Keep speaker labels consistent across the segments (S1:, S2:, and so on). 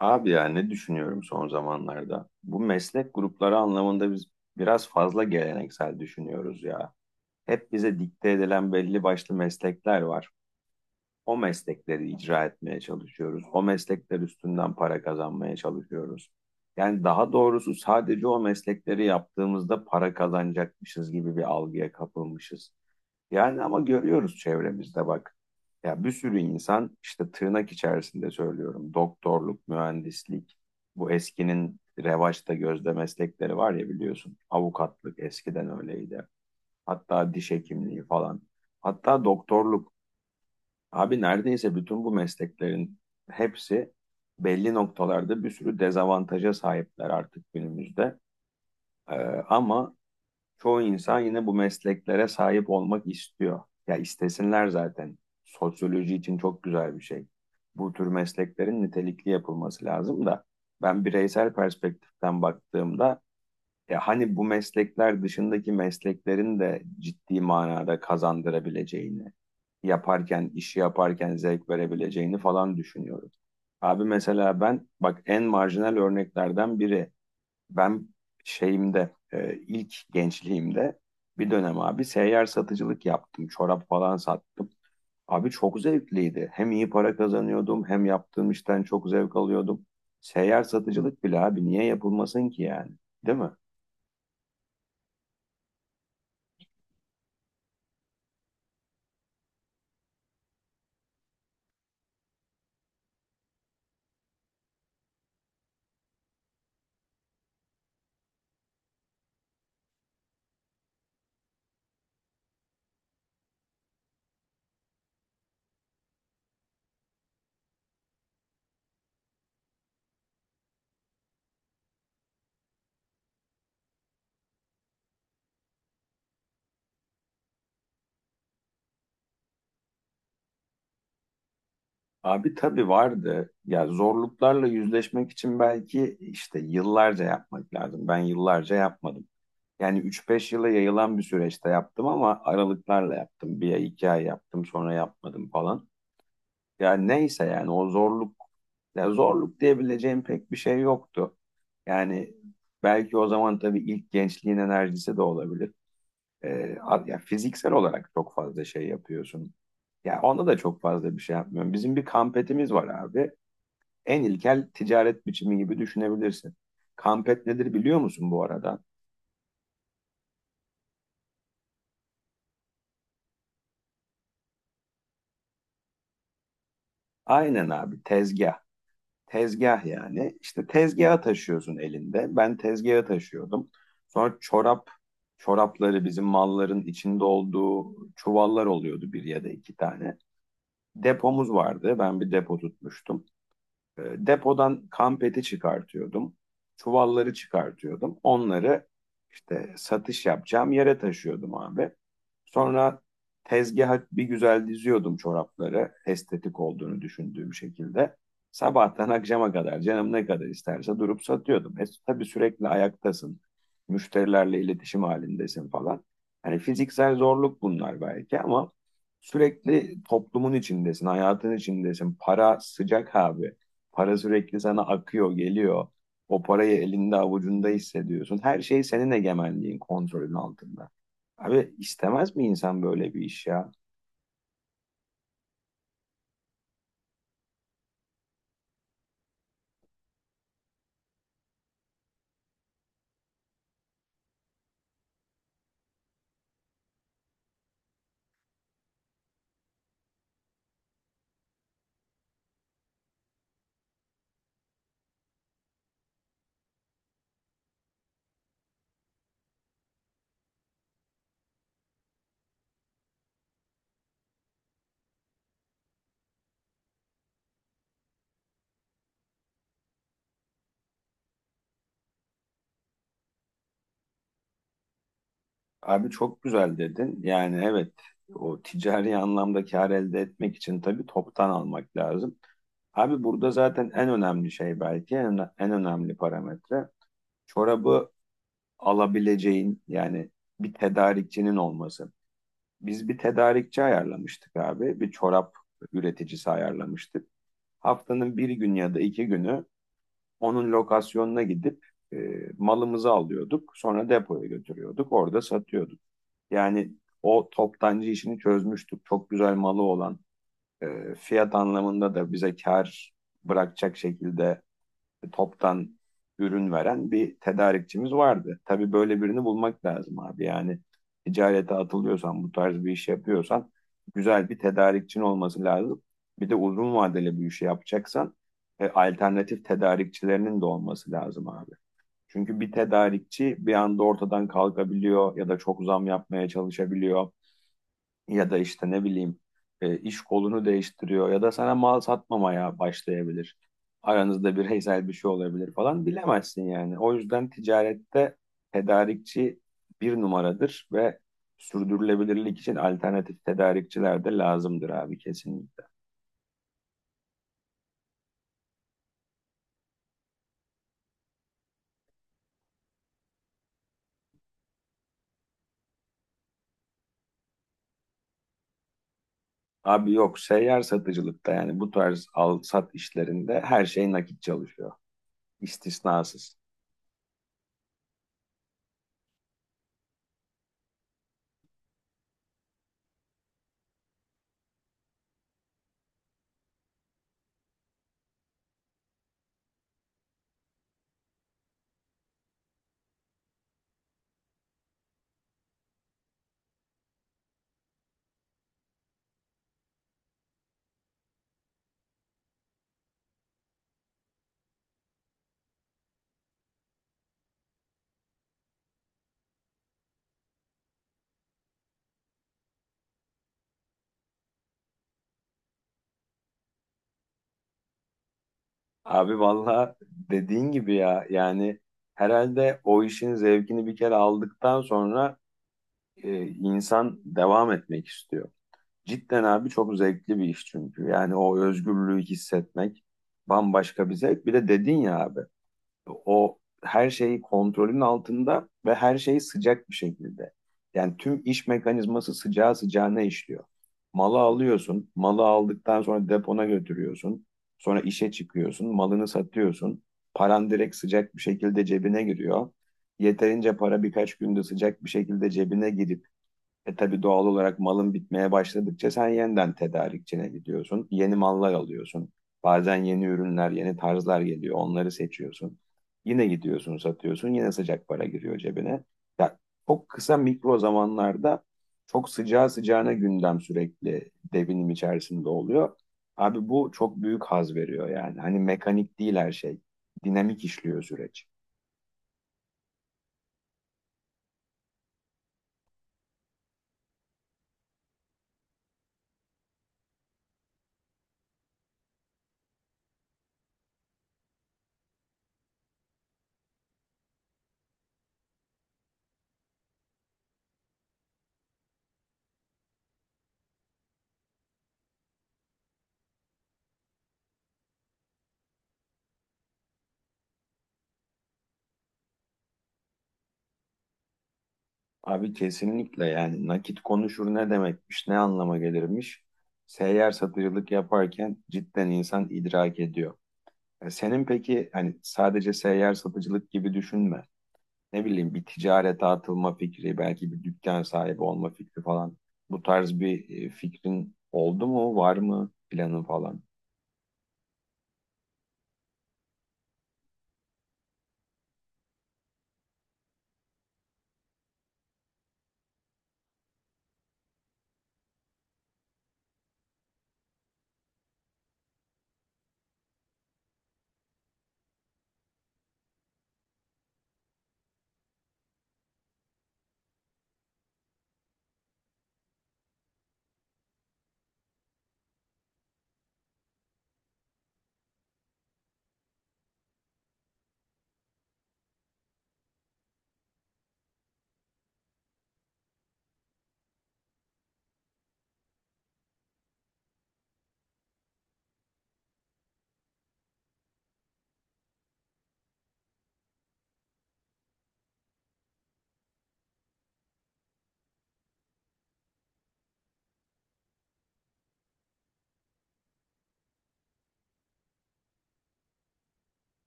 S1: Abi ya ne düşünüyorum son zamanlarda? Bu meslek grupları anlamında biz biraz fazla geleneksel düşünüyoruz ya. Hep bize dikte edilen belli başlı meslekler var. O meslekleri icra etmeye çalışıyoruz. O meslekler üstünden para kazanmaya çalışıyoruz. Yani daha doğrusu sadece o meslekleri yaptığımızda para kazanacakmışız gibi bir algıya kapılmışız. Yani ama görüyoruz çevremizde bak. Ya bir sürü insan işte tırnak içerisinde söylüyorum. Doktorluk, mühendislik, bu eskinin revaçta gözde meslekleri var ya biliyorsun. Avukatlık eskiden öyleydi. Hatta diş hekimliği falan. Hatta doktorluk. Abi neredeyse bütün bu mesleklerin hepsi belli noktalarda bir sürü dezavantaja sahipler artık günümüzde. Ee, ama çoğu insan yine bu mesleklere sahip olmak istiyor. Ya istesinler zaten. Sosyoloji için çok güzel bir şey. Bu tür mesleklerin nitelikli yapılması lazım da ben bireysel perspektiften baktığımda ya hani bu meslekler dışındaki mesleklerin de ciddi manada kazandırabileceğini, yaparken, işi yaparken zevk verebileceğini falan düşünüyorum. Abi mesela ben bak en marjinal örneklerden biri ben şeyimde ilk gençliğimde bir dönem abi seyyar satıcılık yaptım. Çorap falan sattım. Abi çok zevkliydi. Hem iyi para kazanıyordum hem yaptığım işten çok zevk alıyordum. Seyyar satıcılık bile abi niye yapılmasın ki yani? Değil mi? Abi tabii vardı. Ya zorluklarla yüzleşmek için belki işte yıllarca yapmak lazım. Ben yıllarca yapmadım. Yani üç beş yıla yayılan bir süreçte yaptım ama aralıklarla yaptım. Bir ay, 2 ay yaptım sonra yapmadım falan. Yani neyse yani o zorluk ya zorluk diyebileceğim pek bir şey yoktu. Yani belki o zaman tabii ilk gençliğin enerjisi de olabilir. Ya fiziksel olarak çok fazla şey yapıyorsun. Ya onda da çok fazla bir şey yapmıyorum. Bizim bir kampetimiz var abi. En ilkel ticaret biçimi gibi düşünebilirsin. Kampet nedir biliyor musun bu arada? Aynen abi tezgah. Tezgah yani. İşte tezgaha taşıyorsun elinde. Ben tezgaha taşıyordum. Sonra çorap, çorapları bizim malların içinde olduğu çuvallar oluyordu bir ya da iki tane. Depomuz vardı. Ben bir depo tutmuştum. E, Depodan kampeti çıkartıyordum. Çuvalları çıkartıyordum. Onları işte satış yapacağım yere taşıyordum abi. Sonra tezgaha bir güzel diziyordum çorapları. Estetik olduğunu düşündüğüm şekilde. Sabahtan akşama kadar canım ne kadar isterse durup satıyordum. Tabii sürekli ayaktasın. Müşterilerle iletişim halindesin falan. Hani fiziksel zorluk bunlar belki ama sürekli toplumun içindesin, hayatın içindesin. Para sıcak abi. Para sürekli sana akıyor, geliyor. O parayı elinde avucunda hissediyorsun. Her şey senin egemenliğin, kontrolün altında. Abi istemez mi insan böyle bir iş ya? Abi çok güzel dedin. Yani evet o ticari anlamda kar elde etmek için tabii toptan almak lazım. Abi burada zaten en önemli şey belki en önemli parametre çorabı alabileceğin yani bir tedarikçinin olması. Biz bir tedarikçi ayarlamıştık abi. Bir çorap üreticisi ayarlamıştık. Haftanın bir gün ya da iki günü onun lokasyonuna gidip e, malımızı alıyorduk. Sonra depoya götürüyorduk. Orada satıyorduk. Yani o toptancı işini çözmüştük. Çok güzel malı olan fiyat anlamında da bize kar bırakacak şekilde toptan ürün veren bir tedarikçimiz vardı. Tabii böyle birini bulmak lazım abi. Yani ticarete atılıyorsan, bu tarz bir iş yapıyorsan güzel bir tedarikçin olması lazım. Bir de uzun vadeli bir işi yapacaksan alternatif tedarikçilerinin de olması lazım abi. Çünkü bir tedarikçi bir anda ortadan kalkabiliyor ya da çok zam yapmaya çalışabiliyor ya da işte ne bileyim iş kolunu değiştiriyor ya da sana mal satmamaya başlayabilir. Aranızda bir heysel bir şey olabilir falan bilemezsin yani. O yüzden ticarette tedarikçi bir numaradır ve sürdürülebilirlik için alternatif tedarikçiler de lazımdır abi kesinlikle. Abi yok seyyar satıcılıkta yani bu tarz al sat işlerinde her şey nakit çalışıyor istisnasız. Abi valla dediğin gibi ya yani herhalde o işin zevkini bir kere aldıktan sonra insan devam etmek istiyor. Cidden abi çok zevkli bir iş çünkü yani o özgürlüğü hissetmek bambaşka bir zevk. Bir de dedin ya abi o her şey kontrolün altında ve her şey sıcak bir şekilde. Yani tüm iş mekanizması sıcağı sıcağına işliyor. Malı alıyorsun, malı aldıktan sonra depona götürüyorsun, sonra işe çıkıyorsun, malını satıyorsun. Paran direkt sıcak bir şekilde cebine giriyor. Yeterince para birkaç günde sıcak bir şekilde cebine girip tabii doğal olarak malın bitmeye başladıkça sen yeniden tedarikçine gidiyorsun. Yeni mallar alıyorsun. Bazen yeni ürünler, yeni tarzlar geliyor. Onları seçiyorsun. Yine gidiyorsun, satıyorsun. Yine sıcak para giriyor cebine. Ya çok kısa mikro zamanlarda çok sıcağı sıcağına gündem sürekli devinim içerisinde oluyor. Abi bu çok büyük haz veriyor yani. Hani mekanik değil her şey. Dinamik işliyor süreç. Abi kesinlikle yani nakit konuşur ne demekmiş, ne anlama gelirmiş. Seyyar satıcılık yaparken cidden insan idrak ediyor. E senin peki hani sadece seyyar satıcılık gibi düşünme. Ne bileyim bir ticarete atılma fikri, belki bir dükkan sahibi olma fikri falan. Bu tarz bir fikrin oldu mu, var mı planın falan?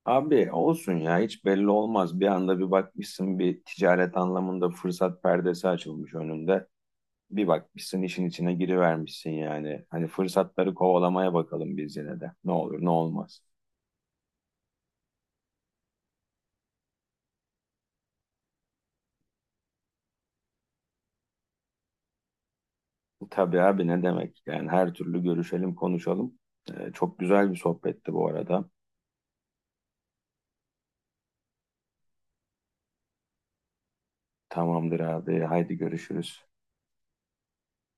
S1: Abi olsun ya hiç belli olmaz. Bir anda bir bakmışsın bir ticaret anlamında fırsat perdesi açılmış önünde. Bir bakmışsın işin içine girivermişsin yani. Hani fırsatları kovalamaya bakalım biz yine de. Ne olur ne olmaz. Tabii abi ne demek? Yani her türlü görüşelim konuşalım. Çok güzel bir sohbetti bu arada. Tamamdır abi. Haydi görüşürüz.